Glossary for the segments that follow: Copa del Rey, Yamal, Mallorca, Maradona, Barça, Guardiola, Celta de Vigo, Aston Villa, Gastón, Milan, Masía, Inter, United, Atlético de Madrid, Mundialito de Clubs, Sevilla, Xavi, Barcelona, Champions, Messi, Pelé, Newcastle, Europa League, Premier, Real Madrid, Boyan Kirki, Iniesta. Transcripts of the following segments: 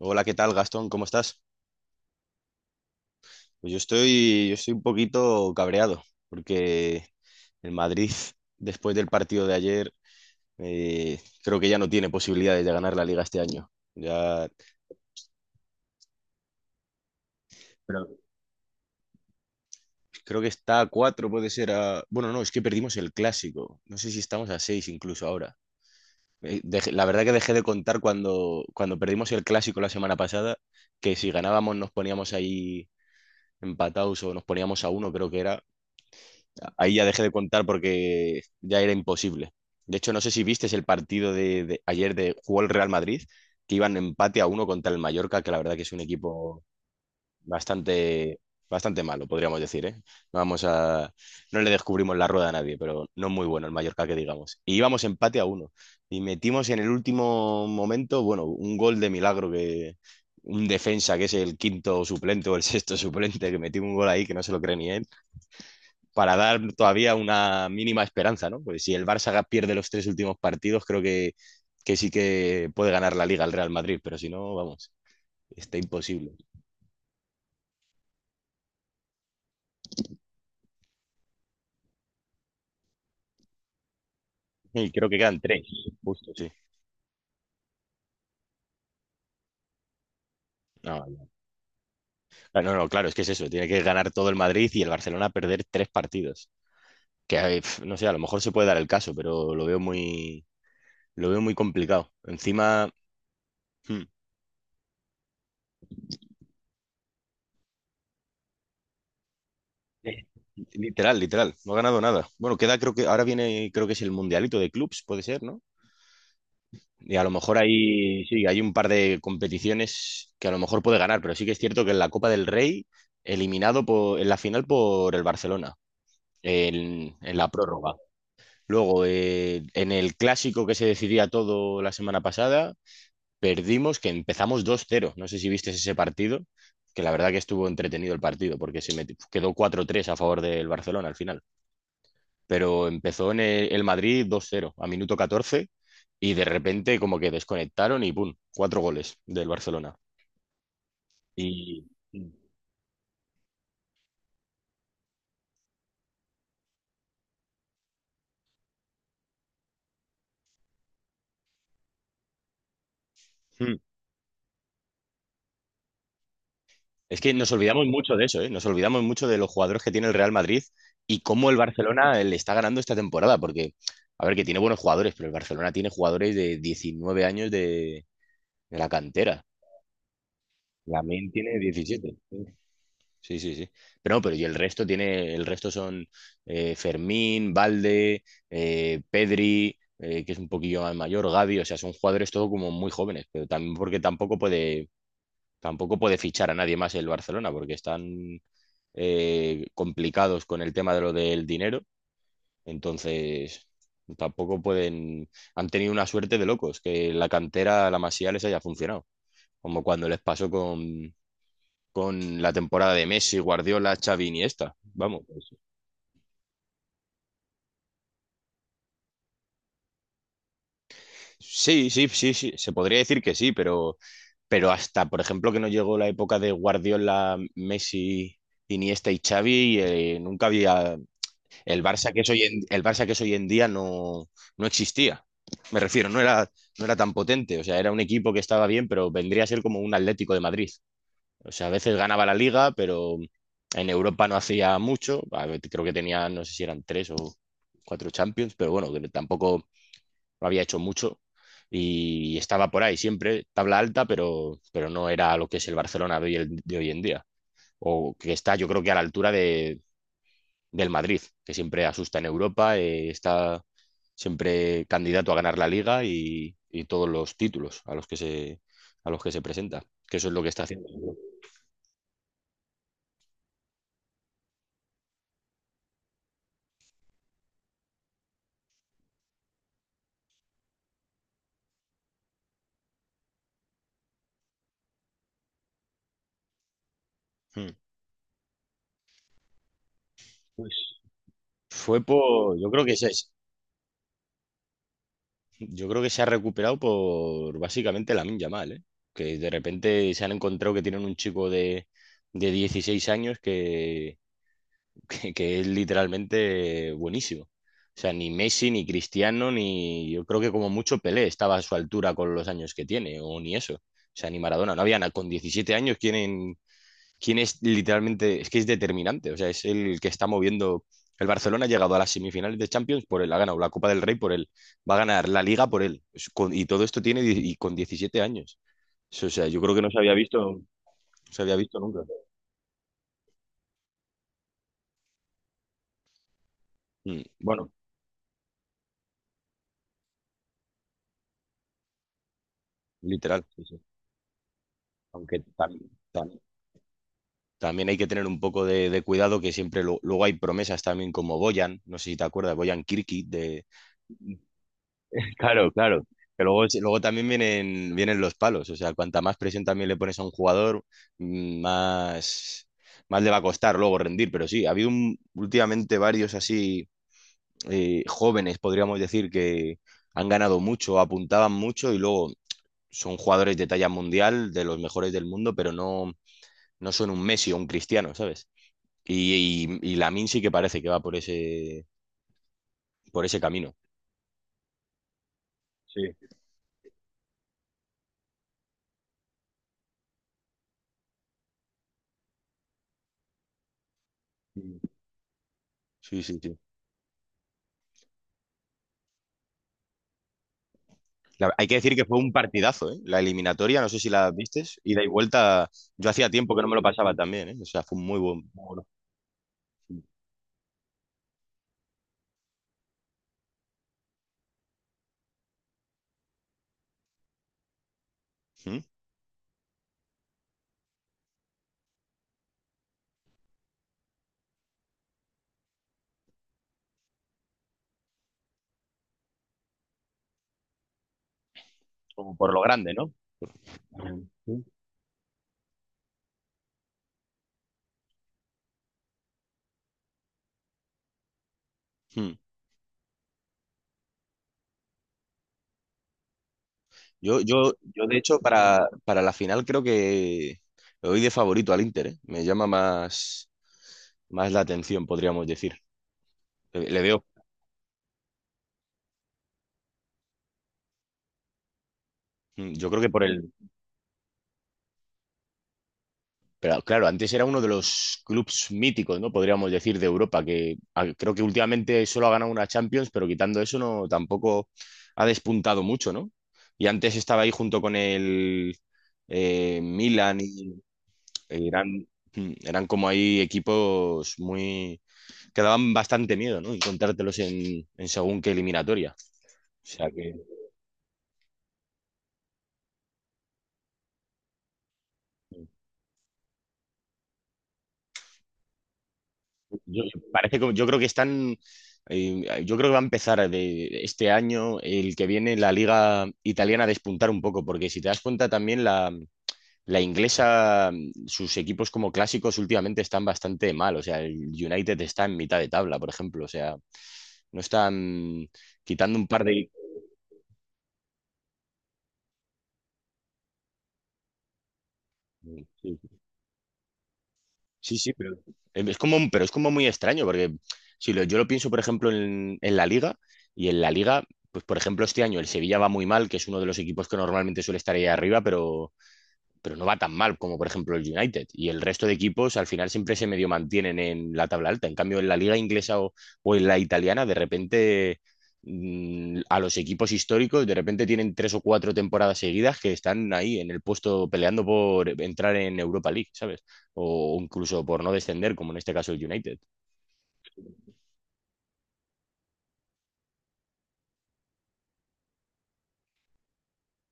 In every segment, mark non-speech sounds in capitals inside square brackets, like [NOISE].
Hola, ¿qué tal, Gastón? ¿Cómo estás? Pues yo estoy un poquito cabreado porque el Madrid, después del partido de ayer, creo que ya no tiene posibilidades de ganar la Liga este año. Ya. Pero creo que está a cuatro, puede ser a... Bueno, no, es que perdimos el clásico. No sé si estamos a seis incluso ahora. La verdad que dejé de contar cuando perdimos el clásico la semana pasada, que si ganábamos nos poníamos ahí empatados o nos poníamos a uno, creo que era. Ahí ya dejé de contar porque ya era imposible. De hecho, no sé si viste el partido de ayer de jugó el Real Madrid, que iban empate a uno contra el Mallorca, que la verdad que es un equipo bastante, bastante malo, podríamos decir, ¿eh? No vamos a, no le descubrimos la rueda a nadie, pero no muy bueno el Mallorca que digamos. Y íbamos empate a uno. Y metimos en el último momento, bueno, un gol de milagro que un defensa que es el quinto suplente o el sexto suplente, que metió un gol ahí que no se lo cree ni él para dar todavía una mínima esperanza, ¿no? Porque si el Barça pierde los tres últimos partidos, creo que sí que puede ganar la Liga el Real Madrid, pero si no, vamos, está imposible. Y creo que quedan tres, justo, sí. No, vale. Ah, no, no, claro, es que es eso, tiene que ganar todo el Madrid y el Barcelona perder tres partidos. Que, no sé, a lo mejor se puede dar el caso, pero lo veo muy complicado. Encima, hmm, literal, literal, no ha ganado nada. Bueno, queda, creo que ahora viene, creo que es el Mundialito de Clubs, puede ser, ¿no? Y a lo mejor hay, sí, hay un par de competiciones que a lo mejor puede ganar, pero sí que es cierto que en la Copa del Rey, eliminado por, en la final por el Barcelona, en la prórroga. Luego, en el clásico que se decidía todo la semana pasada, perdimos que empezamos 2-0. No sé si viste ese partido, que la verdad que estuvo entretenido el partido, porque quedó 4-3 a favor del Barcelona al final, pero empezó en el Madrid 2-0 a minuto 14 y de repente como que desconectaron y ¡pum! Cuatro goles del Barcelona. Y mm, es que nos olvidamos mucho de eso, ¿eh? Nos olvidamos mucho de los jugadores que tiene el Real Madrid y cómo el Barcelona le está ganando esta temporada, porque, a ver, que tiene buenos jugadores, pero el Barcelona tiene jugadores de 19 años de la cantera. Lamine tiene 17. Sí, sí, sí. Pero no, pero y el resto son Fermín, Valde, Pedri, que es un poquillo más mayor, Gavi, o sea, son jugadores todo como muy jóvenes, pero también porque tampoco puede fichar a nadie más el Barcelona, porque están complicados con el tema de lo del dinero, entonces tampoco pueden, han tenido una suerte de locos, que la cantera, la Masía les haya funcionado, como cuando les pasó con la temporada de Messi, Guardiola, Xavi, Iniesta. Vamos, pues. Sí, sí, sí, sí, se podría decir que sí, pero hasta, por ejemplo, que no llegó la época de Guardiola, Messi, Iniesta y Xavi, nunca había el Barça que es hoy en día no, no existía. Me refiero, no era tan potente, o sea, era un equipo que estaba bien, pero vendría a ser como un Atlético de Madrid. O sea, a veces ganaba la liga, pero en Europa no hacía mucho. A ver, creo que tenía, no sé si eran tres o cuatro Champions, pero bueno, que tampoco había hecho mucho. Y estaba por ahí siempre, tabla alta, pero no era lo que es el Barcelona de hoy, de hoy en día. O que está, yo creo que a la altura del Madrid, que siempre asusta en Europa, está siempre candidato a ganar la liga y todos los títulos a los que se presenta. Que eso es lo que está haciendo. Hmm. Fue por, yo creo que se, yo creo que se ha recuperado por básicamente la Yamal, ¿eh? Que de repente se han encontrado que tienen un chico de 16 años que, [LAUGHS] que es literalmente buenísimo. O sea, ni Messi, ni Cristiano, ni yo creo que como mucho Pelé estaba a su altura con los años que tiene, o ni eso. O sea, ni Maradona, no había nada. Con 17 años, quién es literalmente, es que es determinante, o sea, es el que está moviendo. El Barcelona ha llegado a las semifinales de Champions por él, ha ganado la Copa del Rey por él, va a ganar la Liga por él. Y todo esto y con 17 años. O sea, yo creo que no se había visto nunca. Mm. Bueno, literal, sí, sí. Aunque también, también hay que tener un poco de cuidado que siempre luego hay promesas también como Boyan, no sé si te acuerdas, Boyan Kirki. Claro, claro. Que luego, luego también vienen los palos. O sea, cuanta más presión también le pones a un jugador, mm, más, más le va a costar luego rendir. Pero sí, ha habido últimamente varios así jóvenes, podríamos decir, que han ganado mucho, apuntaban mucho y luego son jugadores de talla mundial, de los mejores del mundo, pero no, no son un Messi o un Cristiano, ¿sabes? Y Lamine sí que parece que va por ese camino. Sí, sí, sí. Sí. Hay que decir que fue un partidazo, ¿eh? La eliminatoria, no sé si la vistes, ida y vuelta, yo hacía tiempo que no me lo pasaba también, ¿eh? O sea, fue un muy buen, muy bueno. ¿Mm? Como por lo grande, ¿no? Sí. ¿Mm? De hecho, para la final creo que le doy de favorito al Inter, ¿eh? Me llama más la atención, podríamos decir. Le veo, yo creo que por el, Pero claro, antes era uno de los clubes míticos, ¿no? Podríamos decir, de Europa, que creo que últimamente solo ha ganado una Champions, pero quitando eso no tampoco ha despuntado mucho, ¿no? Y antes estaba ahí junto con el Milan y eh, eran, eran como ahí equipos muy que daban bastante miedo, ¿no? Encontrártelos en según qué eliminatoria. O sea que. Mm. Yo, parece que yo creo que están, Yo creo que va a empezar de este año, el que viene, la liga italiana a despuntar un poco, porque si te das cuenta también la inglesa, sus equipos como clásicos últimamente están bastante mal, o sea, el United está en mitad de tabla, por ejemplo, o sea, no están, quitando un par de. Sí, sí, pero es como, pero es como muy extraño, porque si lo- yo lo pienso, por ejemplo, en la Liga, y en la Liga, pues por ejemplo, este año el Sevilla va muy mal, que es uno de los equipos que normalmente suele estar ahí arriba, pero no va tan mal como por ejemplo el United. Y el resto de equipos al final siempre se medio mantienen en la tabla alta. En cambio, en la liga inglesa o en la italiana, de repente a los equipos históricos, de repente tienen tres o cuatro temporadas seguidas que están ahí en el puesto peleando por entrar en Europa League, ¿sabes? O, incluso por no descender, como en este caso el United.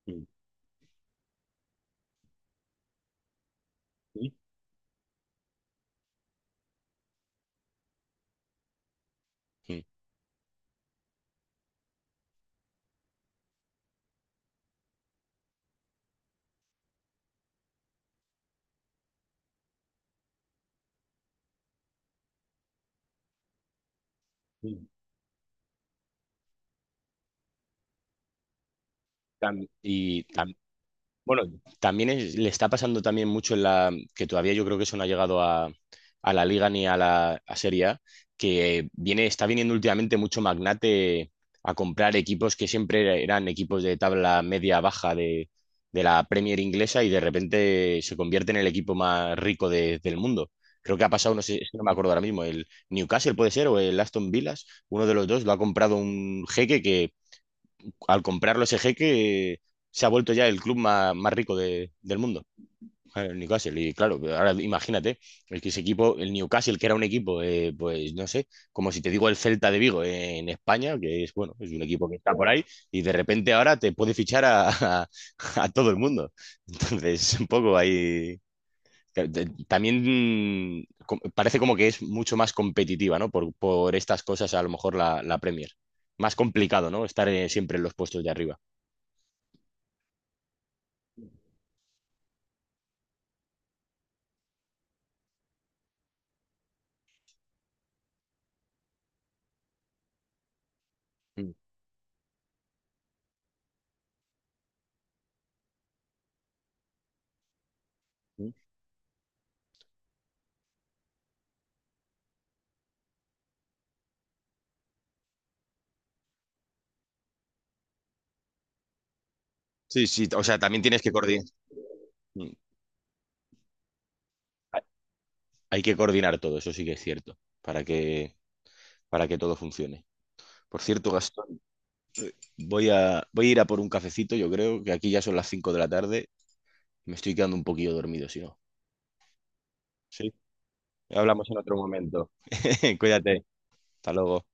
Sí, sí. Mm. Sí. Y bueno, también le está pasando también mucho en la que todavía yo creo que eso no ha llegado a la Liga ni a Serie A, que viene, está viniendo últimamente mucho magnate a comprar equipos que siempre eran equipos de tabla media baja de la Premier inglesa y de repente se convierte en el equipo más rico del mundo. Creo que ha pasado, no sé, es que no me acuerdo ahora mismo, el Newcastle puede ser o el Aston Villa, uno de los dos lo ha comprado un jeque. Al comprarlo ese jeque, se ha vuelto ya el club más rico del mundo, el Newcastle. Y claro, ahora imagínate, el que ese equipo, el Newcastle, que era un equipo, pues no sé, como si te digo el Celta de Vigo en España, que es, bueno, es un equipo que está por ahí, y de repente ahora te puede fichar a todo el mundo. Entonces, un poco ahí. También parece como que es mucho más competitiva, ¿no? Por estas cosas, a lo mejor la Premier. Más complicado, ¿no? Estar siempre en los puestos de arriba. Ujú. Sí, sí, o sea, también tienes que coordinar. mm, Hay que coordinar todo, eso sí que es cierto, para que todo funcione. Por cierto, Gastón, voy a ir a por un cafecito, yo creo que aquí ya son las 5 de la tarde, me estoy quedando un poquillo dormido, si no. Sí, hablamos en otro momento. [LAUGHS] Cuídate, hasta luego.